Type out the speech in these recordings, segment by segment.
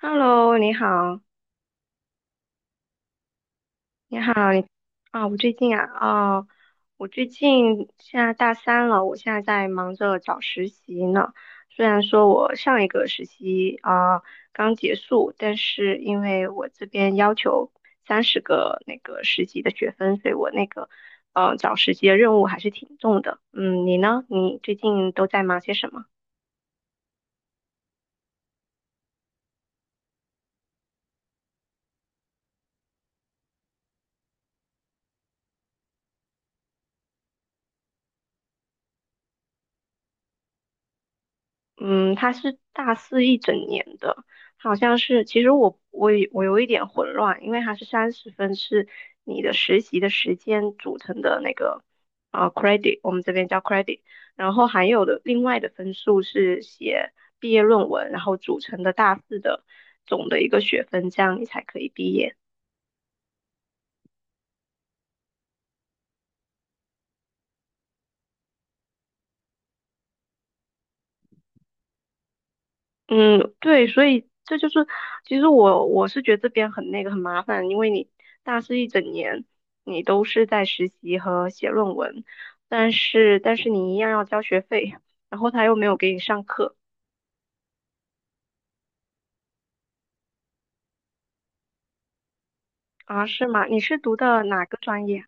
Hello，你好，你好，啊，我最近啊，哦，我最近现在大三了，我现在在忙着找实习呢。虽然说我上一个实习啊，刚结束，但是因为我这边要求30个那个实习的学分，所以我那个找实习的任务还是挺重的。嗯，你呢？你最近都在忙些什么？嗯，他是大四一整年的，好像是。其实我有一点混乱，因为它是30分是你的实习的时间组成的那个credit，我们这边叫 credit，然后还有的另外的分数是写毕业论文，然后组成的大四的总的一个学分，这样你才可以毕业。嗯，对，所以这就是，其实我是觉得这边很那个很麻烦，因为你大四一整年你都是在实习和写论文，但是你一样要交学费，然后他又没有给你上课啊，是吗？你是读的哪个专业啊？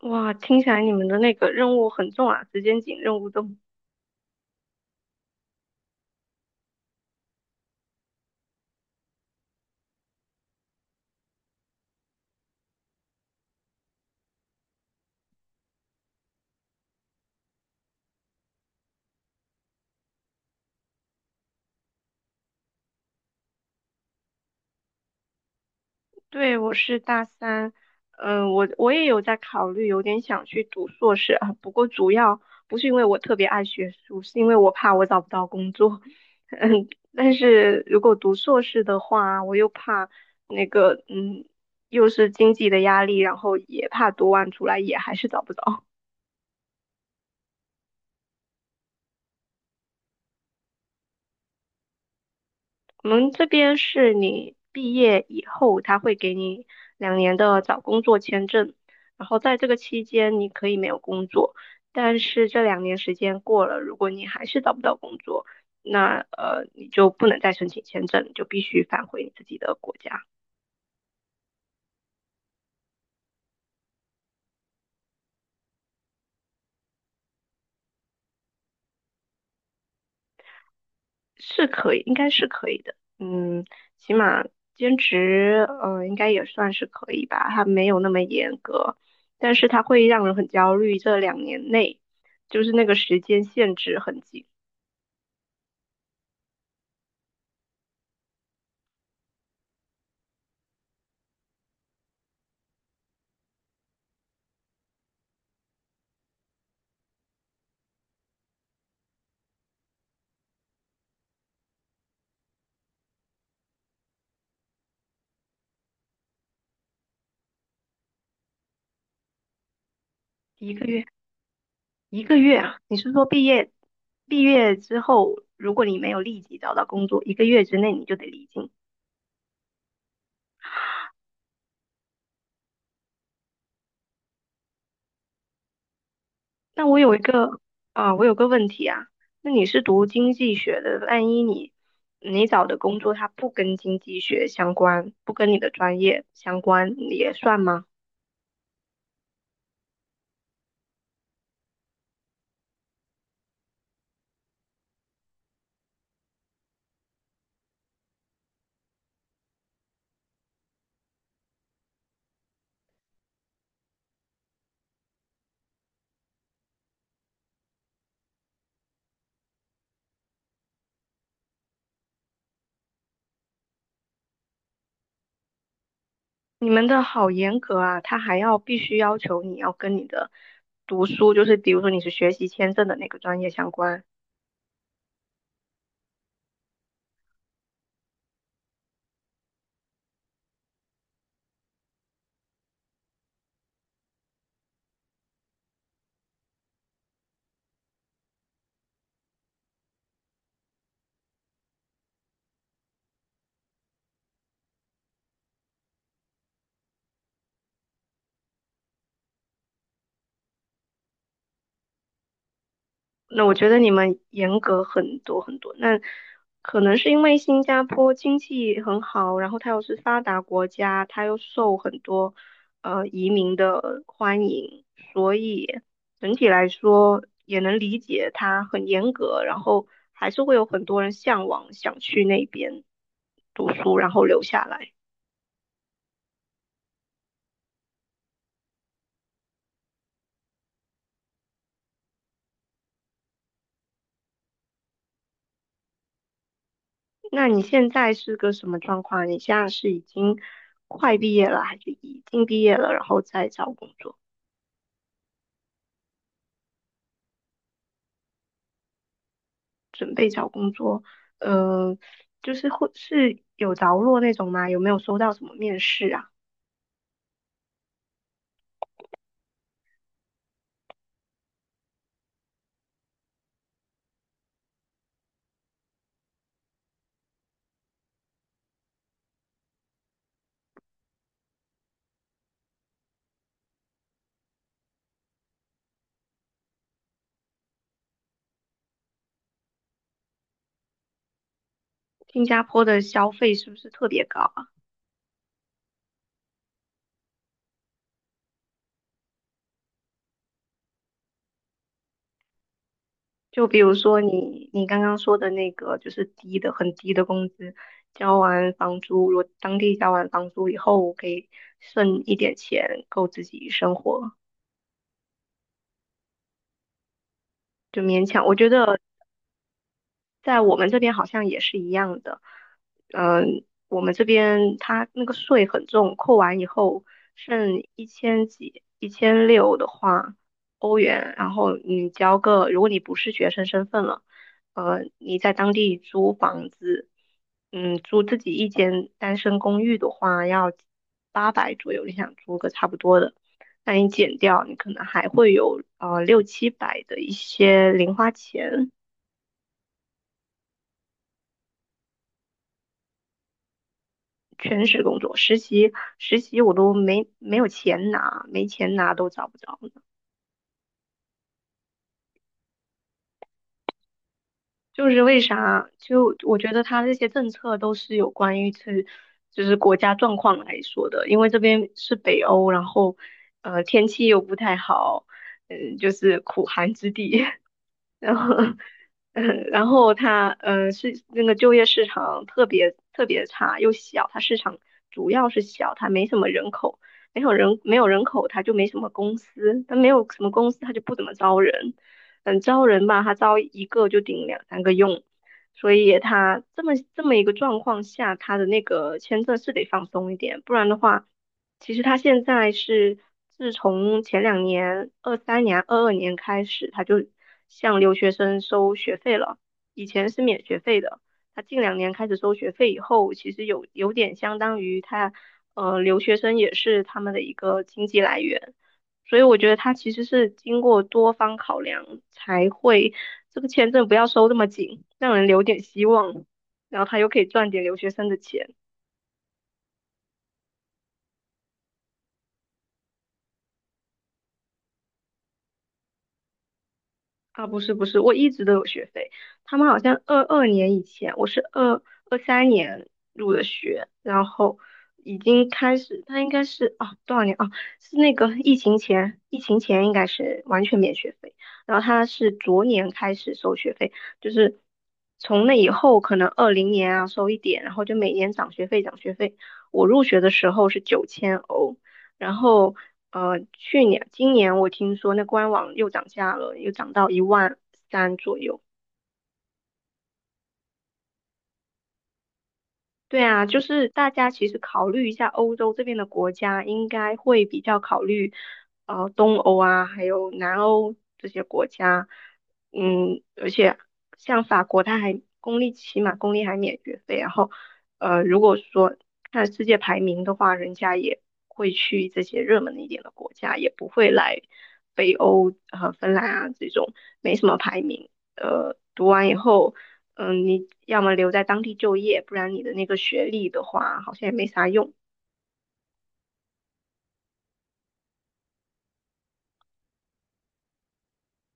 哇，听起来你们的那个任务很重啊，时间紧，任务重。对，我是大三，嗯，我也有在考虑，有点想去读硕士啊。不过主要不是因为我特别爱学术，是因为我怕我找不到工作。嗯，但是如果读硕士的话，我又怕那个，嗯，又是经济的压力，然后也怕读完出来也还是找不着。我们这边是你毕业以后，他会给你两年的找工作签证，然后在这个期间你可以没有工作，但是这两年时间过了，如果你还是找不到工作，那你就不能再申请签证，你就必须返回你自己的国家。是可以，应该是可以的。嗯，起码兼职，嗯、应该也算是可以吧。它没有那么严格，但是它会让人很焦虑。这两年内，就是那个时间限制很紧，一个月，一个月啊。你是说毕业之后，如果你没有立即找到工作，一个月之内你就得离境？那我有一个啊，我有个问题啊，那你是读经济学的，万一你找的工作它不跟经济学相关，不跟你的专业相关，你也算吗？你们的好严格啊，他还要必须要求你要跟你的读书，就是比如说你是学习签证的那个专业相关。那我觉得你们严格很多很多。那可能是因为新加坡经济很好，然后它又是发达国家，它又受很多移民的欢迎，所以整体来说也能理解它很严格，然后还是会有很多人向往想去那边读书，然后留下来。那你现在是个什么状况？你现在是已经快毕业了，还是已经毕业了，然后再找工作？准备找工作，呃，就是会是有着落那种吗？有没有收到什么面试啊？新加坡的消费是不是特别高啊？就比如说你刚刚说的那个，就是低的很低的工资，交完房租，如果当地交完房租以后，我可以剩一点钱够自己生活，就勉强。我觉得在我们这边好像也是一样的，嗯，我们这边它那个税很重，扣完以后剩一千几、1600的话，欧元，然后你交个，如果你不是学生身份了，你在当地租房子，嗯，租自己一间单身公寓的话要800左右，你想租个差不多的，那你减掉，你可能还会有六七百的一些零花钱。全职工作，实习我都没有钱拿，没钱拿都找不着呢。就是为啥？就我觉得他这些政策都是有关于是就是国家状况来说的，因为这边是北欧，然后天气又不太好，嗯，就是苦寒之地，然后，嗯，然后它，嗯，是那个就业市场特别特别差，又小，它市场主要是小，它没什么人口，没有人口，它就没什么公司，它没有什么公司，它就不怎么招人，嗯，招人吧，它招一个就顶两三个用，所以它这么一个状况下，它的那个签证是得放松一点，不然的话，其实他现在是自从前两年、二三年、二二年开始，他就向留学生收学费了。以前是免学费的，他近两年开始收学费以后，其实有点相当于他，留学生也是他们的一个经济来源。所以我觉得他其实是经过多方考量才会这个签证不要收那么紧，让人留点希望，然后他又可以赚点留学生的钱。啊，不是不是，我一直都有学费。他们好像二二年以前，我是二三年入的学，然后已经开始，他应该是啊多少年啊？是那个疫情前，疫情前应该是完全免学费，然后他是昨年开始收学费，就是从那以后可能二零年啊收一点，然后就每年涨学费涨学费。我入学的时候是9000欧，然后去年今年我听说那官网又涨价了，又涨到1.3万左右。对啊，就是大家其实考虑一下欧洲这边的国家，应该会比较考虑东欧啊，还有南欧这些国家。嗯，而且像法国，它还起码公立还免学费，然后如果说看世界排名的话，人家也会去这些热门一点的国家，也不会来北欧和、芬兰啊这种没什么排名。读完以后。嗯，你要么留在当地就业，不然你的那个学历的话，好像也没啥用，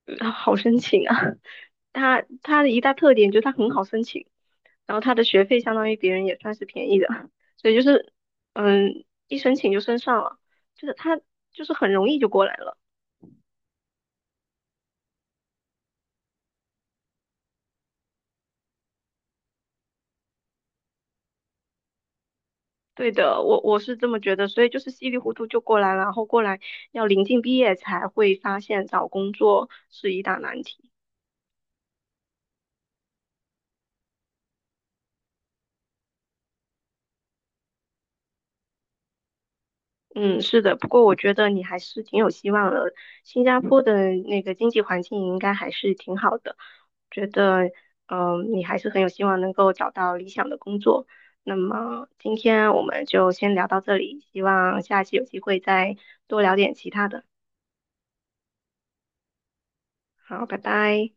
嗯 好申请啊。它的一大特点就是它很好申请，然后它的学费相当于别人也算是便宜的，所以就是一申请就申上了，就是它就是很容易就过来了。对的，我是这么觉得，所以就是稀里糊涂就过来了，然后过来要临近毕业才会发现找工作是一大难题。嗯，是的，不过我觉得你还是挺有希望的。新加坡的那个经济环境应该还是挺好的，觉得你还是很有希望能够找到理想的工作。那么今天我们就先聊到这里，希望下次有机会再多聊点其他的。好，拜拜。